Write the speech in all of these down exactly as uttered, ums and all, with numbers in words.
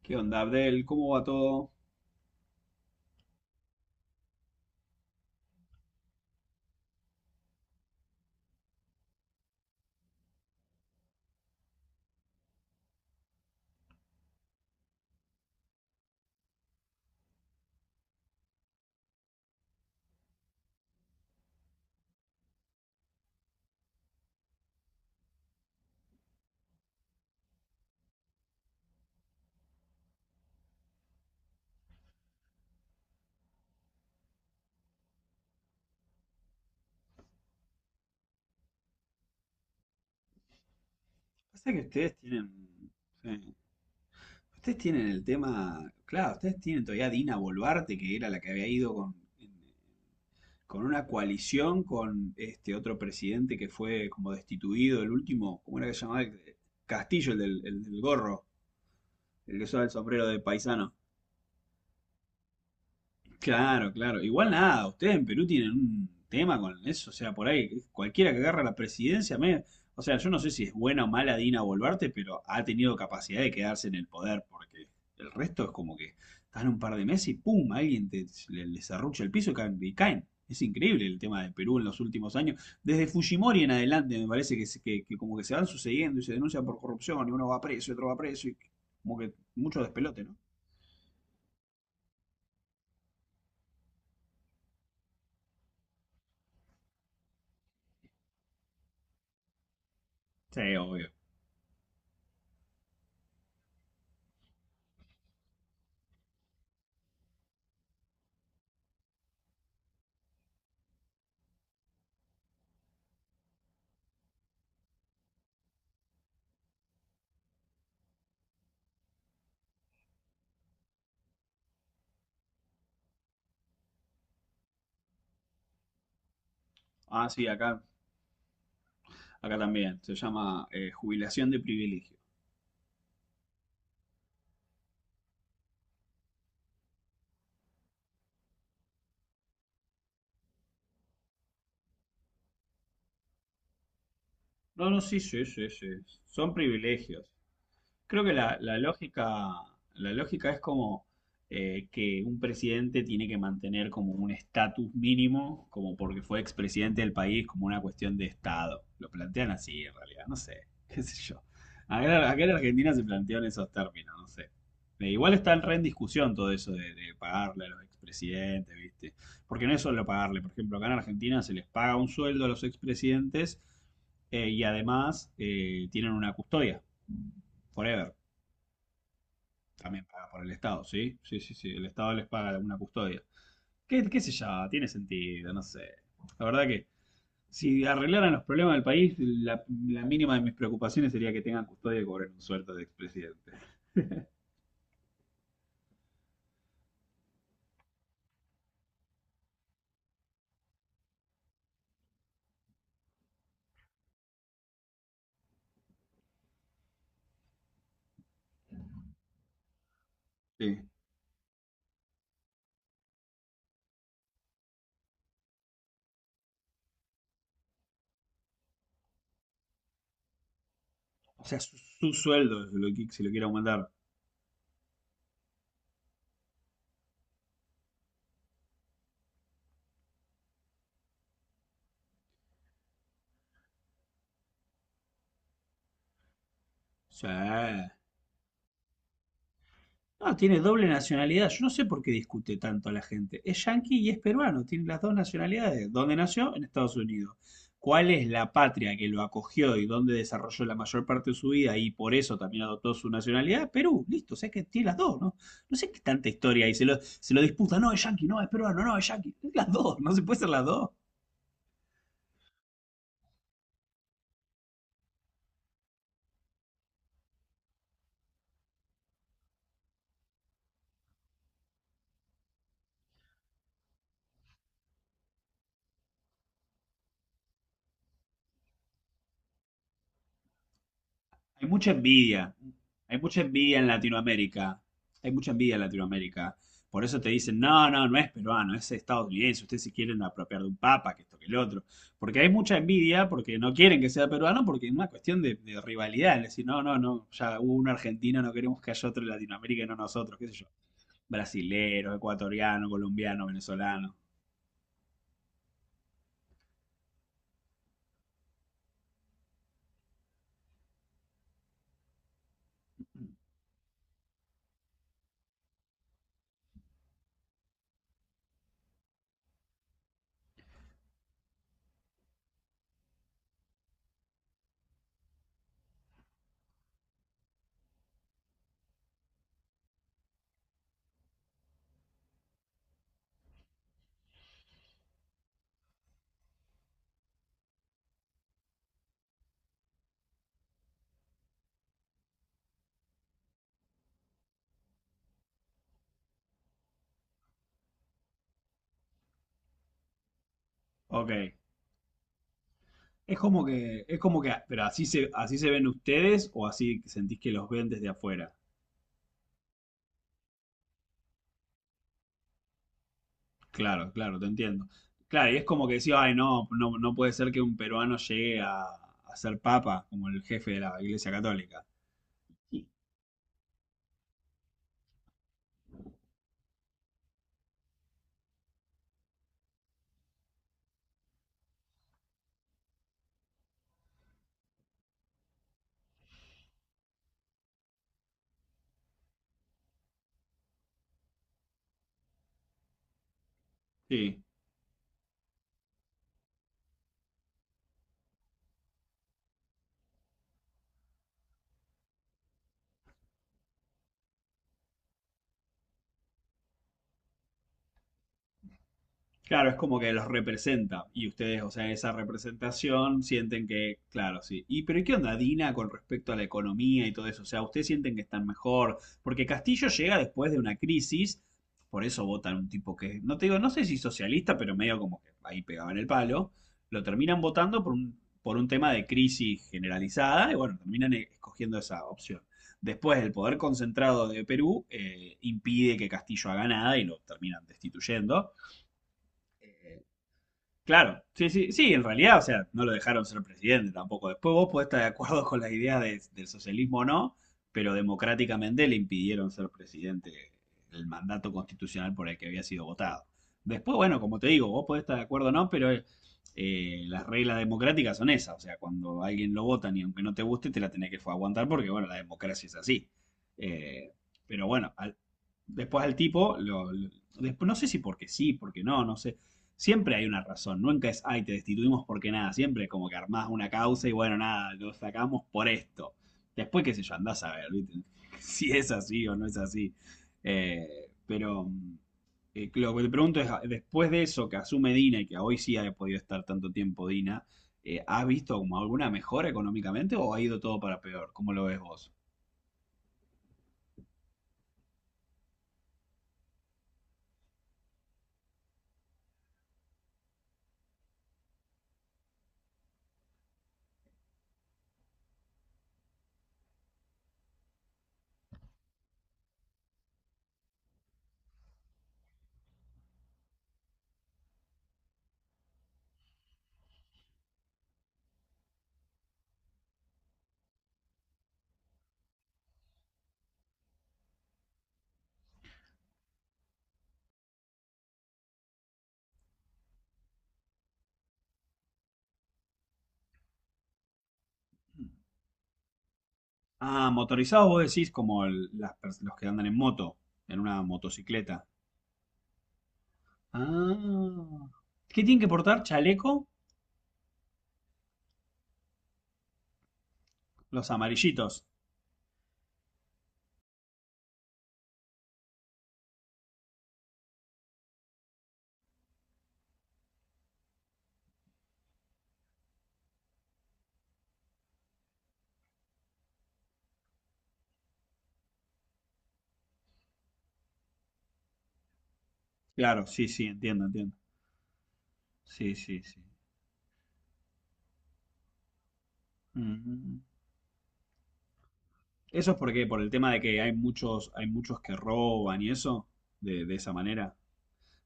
¿Qué onda, Abdel? ¿Cómo va todo? Pasa que ustedes tienen. Sí, ustedes tienen el tema. Claro, ustedes tienen todavía a Dina Boluarte, que era la que había ido con, en- con una coalición con este otro presidente que fue como destituido, el último, ¿cómo era que se llamaba? El- Castillo, el del, el del gorro, el que usaba el sombrero de paisano. Claro, claro. Igual nada, ustedes en Perú tienen un tema con eso, o sea, por ahí cualquiera que agarra la presidencia, me- o sea, yo no sé si es buena o mala Dina Boluarte, pero ha tenido capacidad de quedarse en el poder, porque el resto es como que están un par de meses y ¡pum! Alguien te, le, le serrucha el piso y caen, y caen. Es increíble el tema de Perú en los últimos años. Desde Fujimori en adelante me parece que, se- que, que como que se van sucediendo y se denuncian por corrupción y uno va preso y otro va preso y como que mucho despelote, ¿no? Sí, obvio. Ah, sí, acá. Acá también. Se llama eh, jubilación de privilegio. No, no, sí, sí, sí, sí. Son privilegios. Creo que la, la lógica, la lógica es como eh, que un presidente tiene que mantener como un estatus mínimo, como porque fue expresidente del país, como una cuestión de Estado. Lo plantean así en realidad, no sé, qué sé yo. Acá, acá en Argentina se plantean esos términos, no sé. Eh, igual está en re en discusión todo eso de, de pagarle a los expresidentes, ¿viste? Porque no es solo pagarle, por ejemplo, acá en Argentina se les paga un sueldo a los expresidentes eh, y además eh, tienen una custodia, forever. También paga por el Estado, ¿sí? Sí, sí, sí. El Estado les paga alguna custodia. ¿Qué, qué sé yo? Tiene sentido, no sé. La verdad que si arreglaran los problemas del país, la, la mínima de mis preocupaciones sería que tengan custodia y cobren un sueldo de expresidente. Sí. O sea, su, su sueldo, si lo que- si lo quiere aumentar. O sea, no, tiene doble nacionalidad. Yo no sé por qué discute tanto a la gente. Es yanqui y es peruano. Tiene las dos nacionalidades. ¿Dónde nació? En Estados Unidos. ¿Cuál es la patria que lo acogió y dónde desarrolló la mayor parte de su vida y por eso también adoptó su nacionalidad? Perú, listo, o sea que tiene las dos, ¿no? No sé qué tanta historia hay, se lo, se lo disputa, no, es yanqui, no, es peruano, no, es yanqui. Las dos, no se puede ser las dos. Hay mucha envidia, hay mucha envidia en Latinoamérica, hay mucha envidia en Latinoamérica. Por eso te dicen, no, no, no es peruano, es estadounidense, ustedes se quieren apropiar de un papa, que esto, que el otro. Porque hay mucha envidia, porque no quieren que sea peruano, porque es una cuestión de, de rivalidad. Es decir, no, no, no, ya hubo un argentino, no queremos que haya otro en Latinoamérica y no nosotros, qué sé yo. Brasilero, ecuatoriano, colombiano, venezolano. Ok. Es como que, es como que, pero así se, así se ven ustedes o así sentís que los ven desde afuera. Claro, claro, te entiendo. Claro, y es como que decía, ay, no, no, no puede ser que un peruano llegue a, a ser papa como el jefe de la Iglesia Católica. Sí. Sí, claro, es como que los representa y ustedes, o sea, esa representación sienten que, claro, sí. Y pero ¿y qué onda Dina con respecto a la economía y todo eso? O sea, ustedes sienten que están mejor, porque Castillo llega después de una crisis, por eso votan un tipo que, no te digo, no sé si socialista, pero medio como que ahí pegaban el palo, lo terminan votando por un, por un tema de crisis generalizada y bueno, terminan e- escogiendo esa opción. Después, el poder concentrado de Perú eh, impide que Castillo haga nada y lo terminan destituyendo. Claro, sí, sí, sí, en realidad, o sea, no lo dejaron ser presidente tampoco. Después vos podés estar de acuerdo con las ideas de- del socialismo o no, pero democráticamente le impidieron ser presidente el mandato constitucional por el que había sido votado. Después, bueno, como te digo, vos podés estar de acuerdo o no, pero eh, las reglas democráticas son esas. O sea, cuando a alguien lo votan y aunque no te guste, te la tenés que aguantar porque, bueno, la democracia es así. Eh, pero bueno, al- después al tipo, lo- lo- después, no sé si porque sí, porque no, no sé. Siempre hay una razón, nunca es, ay, te destituimos porque nada, siempre como que armás una causa y bueno, nada, lo sacamos por esto. Después, qué sé yo, andás a ver, ¿viste? si es así o no es así. Eh, pero mm, eh, lo que te pregunto es, después de eso que asume Dina y que hoy sí ha podido estar tanto tiempo Dina, eh, ¿has visto como alguna mejora económicamente o ha ido todo para peor? ¿Cómo lo ves vos? Ah, motorizados vos decís como el- las pers- los que andan en moto, en una motocicleta. Ah. ¿Qué tienen que portar? ¿Chaleco? Los amarillitos. Claro, sí, sí, entiendo, entiendo. Sí, sí, sí. Mm. Eso es porque por el tema de que hay muchos, hay muchos que roban y eso, de, de esa manera.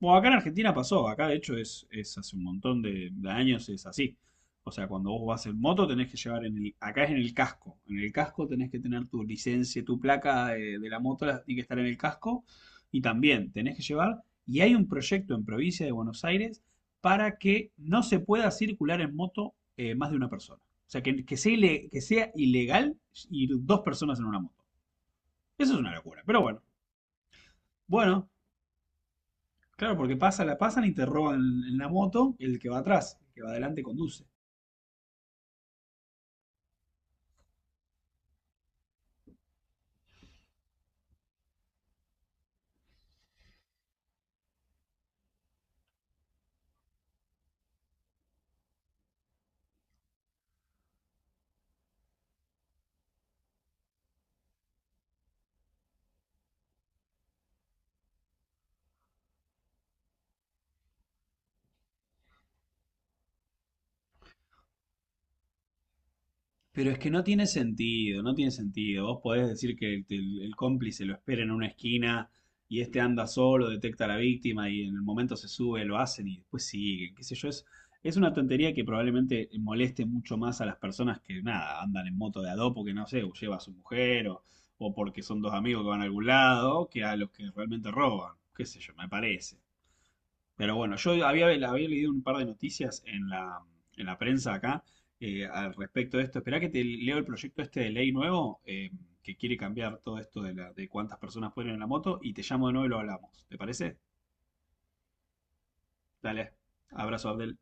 Bueno, acá en Argentina pasó, acá de hecho es, es hace un montón de, de años es así. O sea, cuando vos vas en moto tenés que llevar en el, acá es en el casco, en el casco tenés que tener tu licencia, tu placa de, de la moto la- tiene que estar en el casco y también tenés que llevar, y hay un proyecto en provincia de Buenos Aires para que no se pueda circular en moto eh, más de una persona. O sea, que, que sea, ile- que sea ilegal ir dos personas en una moto. Eso es una locura, pero bueno. Bueno, claro, porque pasa, la pasan y te roban en la moto el que va atrás, el que va adelante conduce. Pero es que no tiene sentido, no tiene sentido. Vos podés decir que el, el- el cómplice lo espera en una esquina y este anda solo, detecta a la víctima y en el momento se sube, lo hacen y después siguen, qué sé yo. Es, es una tontería que probablemente moleste mucho más a las personas que, nada, andan en moto de a dos porque, no sé, o lleva a su mujer o, o porque son dos amigos que van a algún lado, que a los que realmente roban, qué sé yo, me parece. Pero bueno, yo había, había leído un par de noticias en la, en la prensa acá eh, al respecto de esto. Esperá que te leo el proyecto este de ley nuevo eh, que quiere cambiar todo esto de, la, de cuántas personas pueden ir en la moto y te llamo de nuevo y lo hablamos. ¿Te parece? Dale, abrazo Abdel.